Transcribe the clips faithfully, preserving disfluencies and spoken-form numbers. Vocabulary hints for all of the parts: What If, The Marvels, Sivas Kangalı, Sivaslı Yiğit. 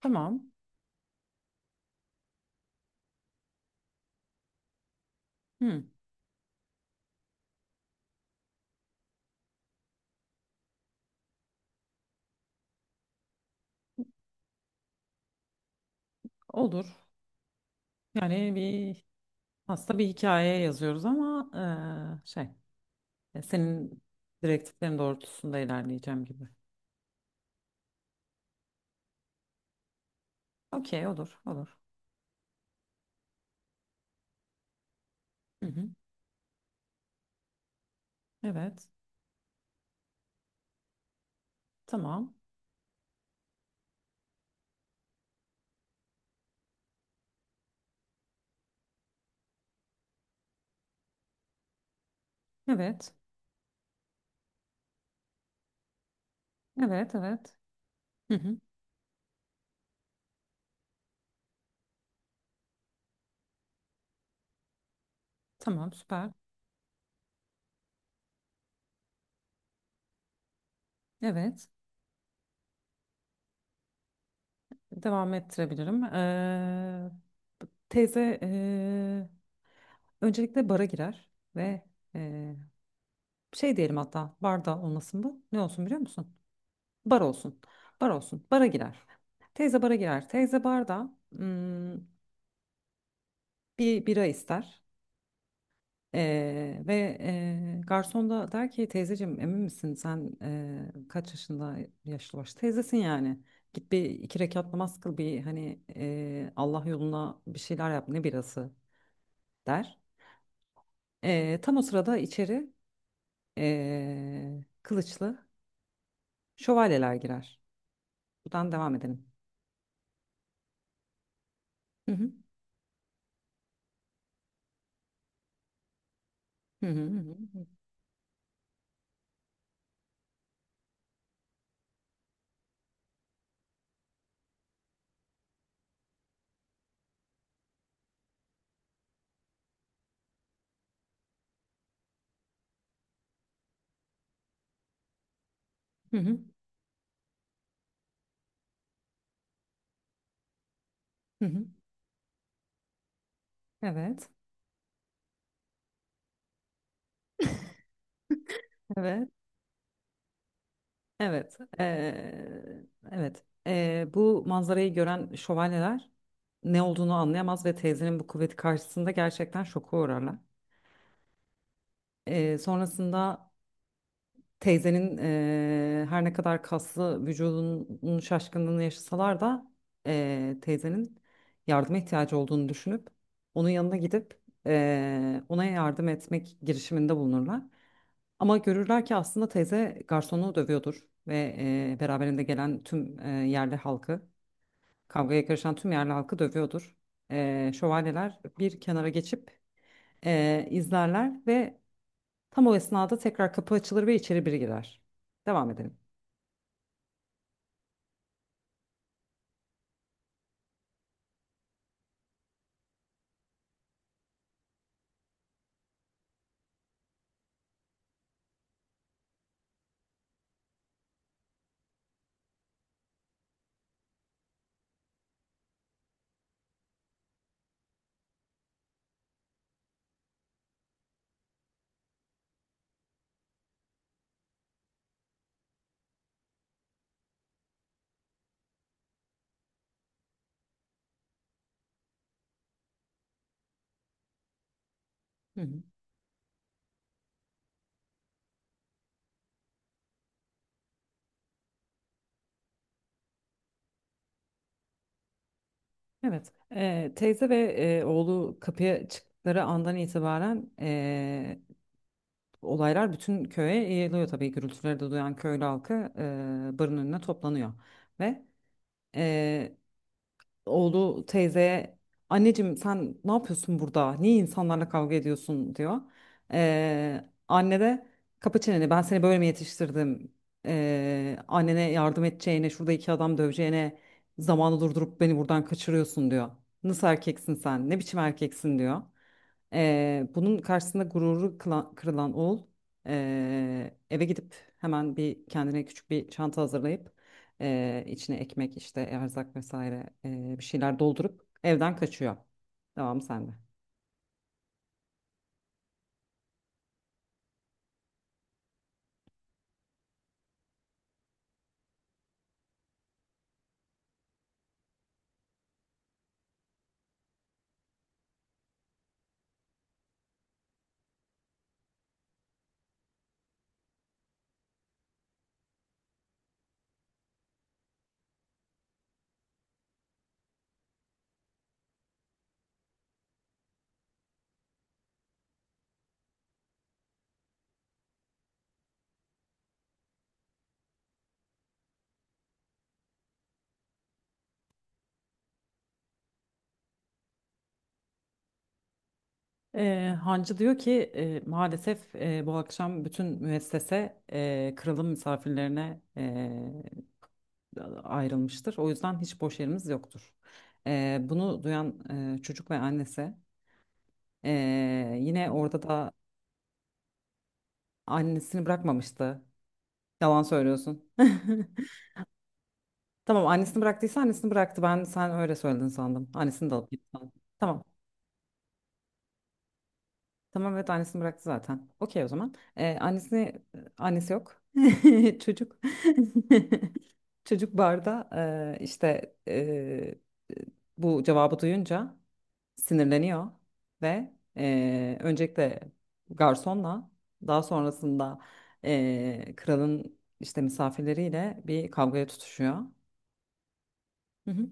Tamam. Hı, olur. Yani bir aslında bir hikaye yazıyoruz ama eee, şey e, senin direktiflerin doğrultusunda ilerleyeceğim gibi. Okey, olur olur. Hı hı. Evet. Tamam. Evet. Evet evet. Hı hı. Tamam, süper. Evet. Devam ettirebilirim. Eee, teyze eee, öncelikle bara girer ve eee, şey diyelim, hatta barda olmasın bu. Ne olsun biliyor musun? Bar olsun. Bar olsun. Bara girer. Teyze bara girer. Teyze barda hmm, bir bira ister. Ee, ve e, garson da der ki teyzeciğim, emin misin sen, e, kaç yaşında yaşlı baş teyzesin, yani git bir iki rekat namaz kıl, bir hani e, Allah yoluna bir şeyler yap, ne birası der. Ee, tam o sırada içeri e, kılıçlı şövalyeler girer. Buradan devam edelim. Hı hı. Hı hı hı hı. Hı hı. Hı hı. Evet. Evet, evet, eee, evet. Eee, bu manzarayı gören şövalyeler ne olduğunu anlayamaz ve teyzenin bu kuvveti karşısında gerçekten şoka uğrarlar. Eee, sonrasında teyzenin, eee, her ne kadar kaslı vücudunun şaşkınlığını yaşasalar da, eee, teyzenin yardıma ihtiyacı olduğunu düşünüp onun yanına gidip eee, ona yardım etmek girişiminde bulunurlar. Ama görürler ki aslında teyze garsonu dövüyordur ve e, beraberinde gelen tüm, e, yerli halkı, kavgaya karışan tüm yerli halkı dövüyordur. E, şövalyeler bir kenara geçip e, izlerler ve tam o esnada tekrar kapı açılır ve içeri biri girer. Devam edelim. Hı hı. Evet. E, teyze ve e, oğlu kapıya çıktıkları andan itibaren e, olaylar bütün köye yayılıyor tabii. Gürültüleri de duyan köylü halkı e, barın önüne toplanıyor ve. Eee, oğlu teyzeye anneciğim sen ne yapıyorsun burada? Niye insanlarla kavga ediyorsun, diyor. Ee, anne de kapı çeneni, ben seni böyle mi yetiştirdim? Ee, annene yardım edeceğine, şurada iki adam döveceğine, zamanı durdurup beni buradan kaçırıyorsun, diyor. Nasıl erkeksin sen? Ne biçim erkeksin, diyor. Ee, bunun karşısında gururu kıla- kırılan oğul ee, eve gidip hemen bir kendine küçük bir çanta hazırlayıp ee, içine ekmek, işte erzak vesaire, ee, bir şeyler doldurup evden kaçıyor. Devam sende. Ee, Hancı diyor ki e, maalesef e, bu akşam bütün müessese e, kralın misafirlerine e, ayrılmıştır. O yüzden hiç boş yerimiz yoktur. Ee, bunu duyan e, çocuk ve annesi e, yine orada da. Annesini bırakmamıştı. Yalan söylüyorsun. Tamam, annesini bıraktıysa annesini bıraktı. Ben, sen öyle söyledin sandım. Annesini de alıp gitti sandım. Tamam. Tamam, evet, annesini bıraktı zaten. Okey, o zaman. Ee, annesini annesi yok. Çocuk. Çocuk barda eee, işte, eee, bu cevabı duyunca sinirleniyor ve eee öncelikle garsonla, daha sonrasında eee, kralın işte misafirleriyle bir kavgaya tutuşuyor. Hı hı,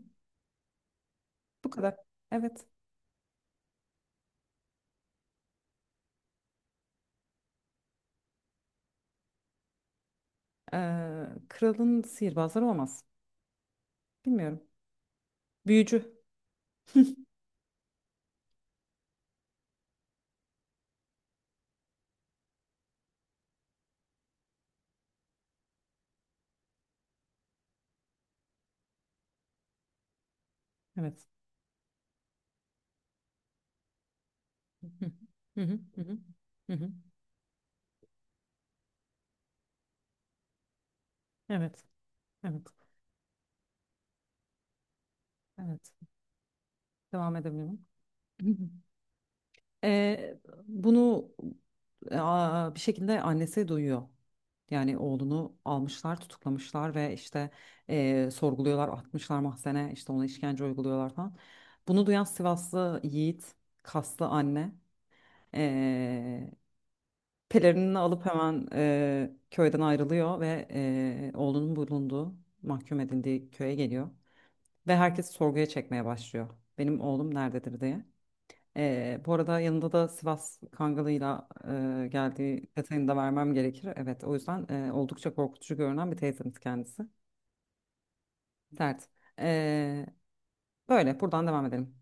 bu kadar. Evet. Eee, kralın sihirbazları olmaz. Bilmiyorum. Büyücü. Evet. Hı hı, hı hı, hı hı, hı hı. Evet. Evet. Evet. Devam edebilirim. Ee, bunu aa, bir şekilde annesi duyuyor. Yani oğlunu almışlar, tutuklamışlar ve işte eee, sorguluyorlar, atmışlar mahzene, işte ona işkence uyguluyorlar falan. Bunu duyan Sivaslı Yiğit, kaslı anne, eee pelerinini alıp hemen eee, köyden ayrılıyor ve eee, oğlunun bulunduğu, mahkum edildiği köye geliyor. Ve herkes sorguya çekmeye başlıyor. Benim oğlum nerededir diye. Ee, bu arada yanında da Sivas Kangalı'yla e, geldiği detayını da vermem gerekir. Evet, o yüzden e, oldukça korkutucu görünen bir teyzemiz kendisi. Dert. Ee, böyle, buradan devam edelim.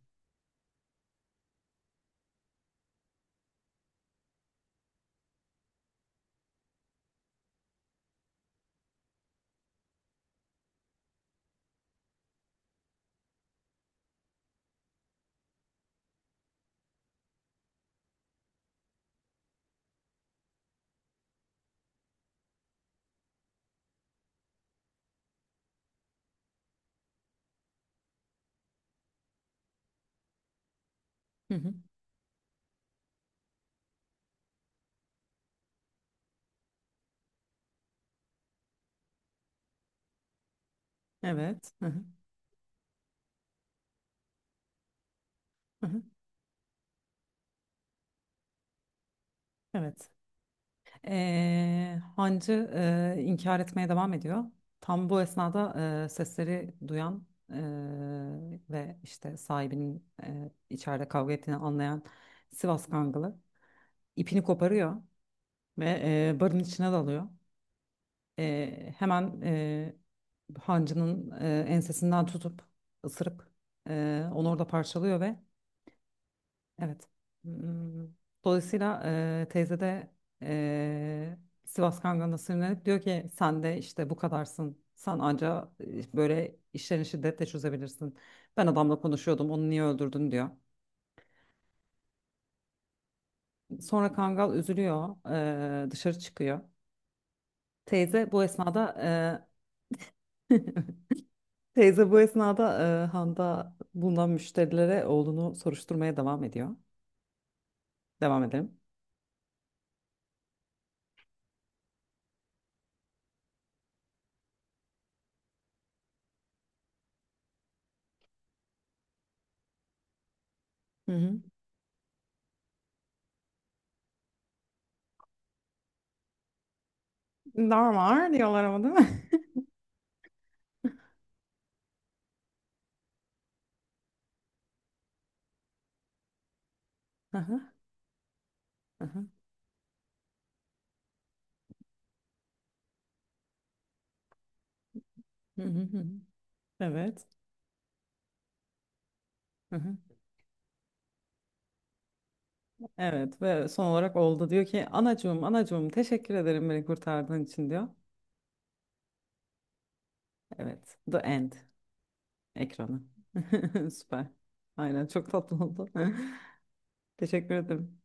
Hı hı. Evet. Hı hı. Hı hı. Evet. Ee, hancı e, inkar etmeye devam ediyor. Tam bu esnada e, sesleri duyan, e, ve işte sahibinin e, içeride kavga ettiğini anlayan Sivas Kangalı ipini koparıyor ve e, barın içine dalıyor. Ee, hemen e, hancının e, ensesinden tutup ısırıp e, onu orada parçalıyor ve evet. Hmm, Dolayısıyla e, teyze de e, Sivas Kangan'da sinirlenip diyor ki sen de işte bu kadarsın. Sen anca e, böyle işlerini şiddetle çözebilirsin. Ben adamla konuşuyordum, onu niye öldürdün, diyor. Sonra Kangal üzülüyor, e, dışarı çıkıyor. Teyze bu esnada e, Teyze bu esnada e, handa bulunan müşterilere oğlunu soruşturmaya devam ediyor. Devam edelim. Hı hı. Normal diyorlar ama, değil mi? Hı hı, hı hı, hı hı, hı hı. Evet. Hı hı. Evet, ve son olarak oğlu da diyor ki anacığım, anacığım teşekkür ederim beni kurtardığın için, diyor. Evet. "The End" ekranı. Süper. Aynen, çok tatlı oldu. Teşekkür ederim.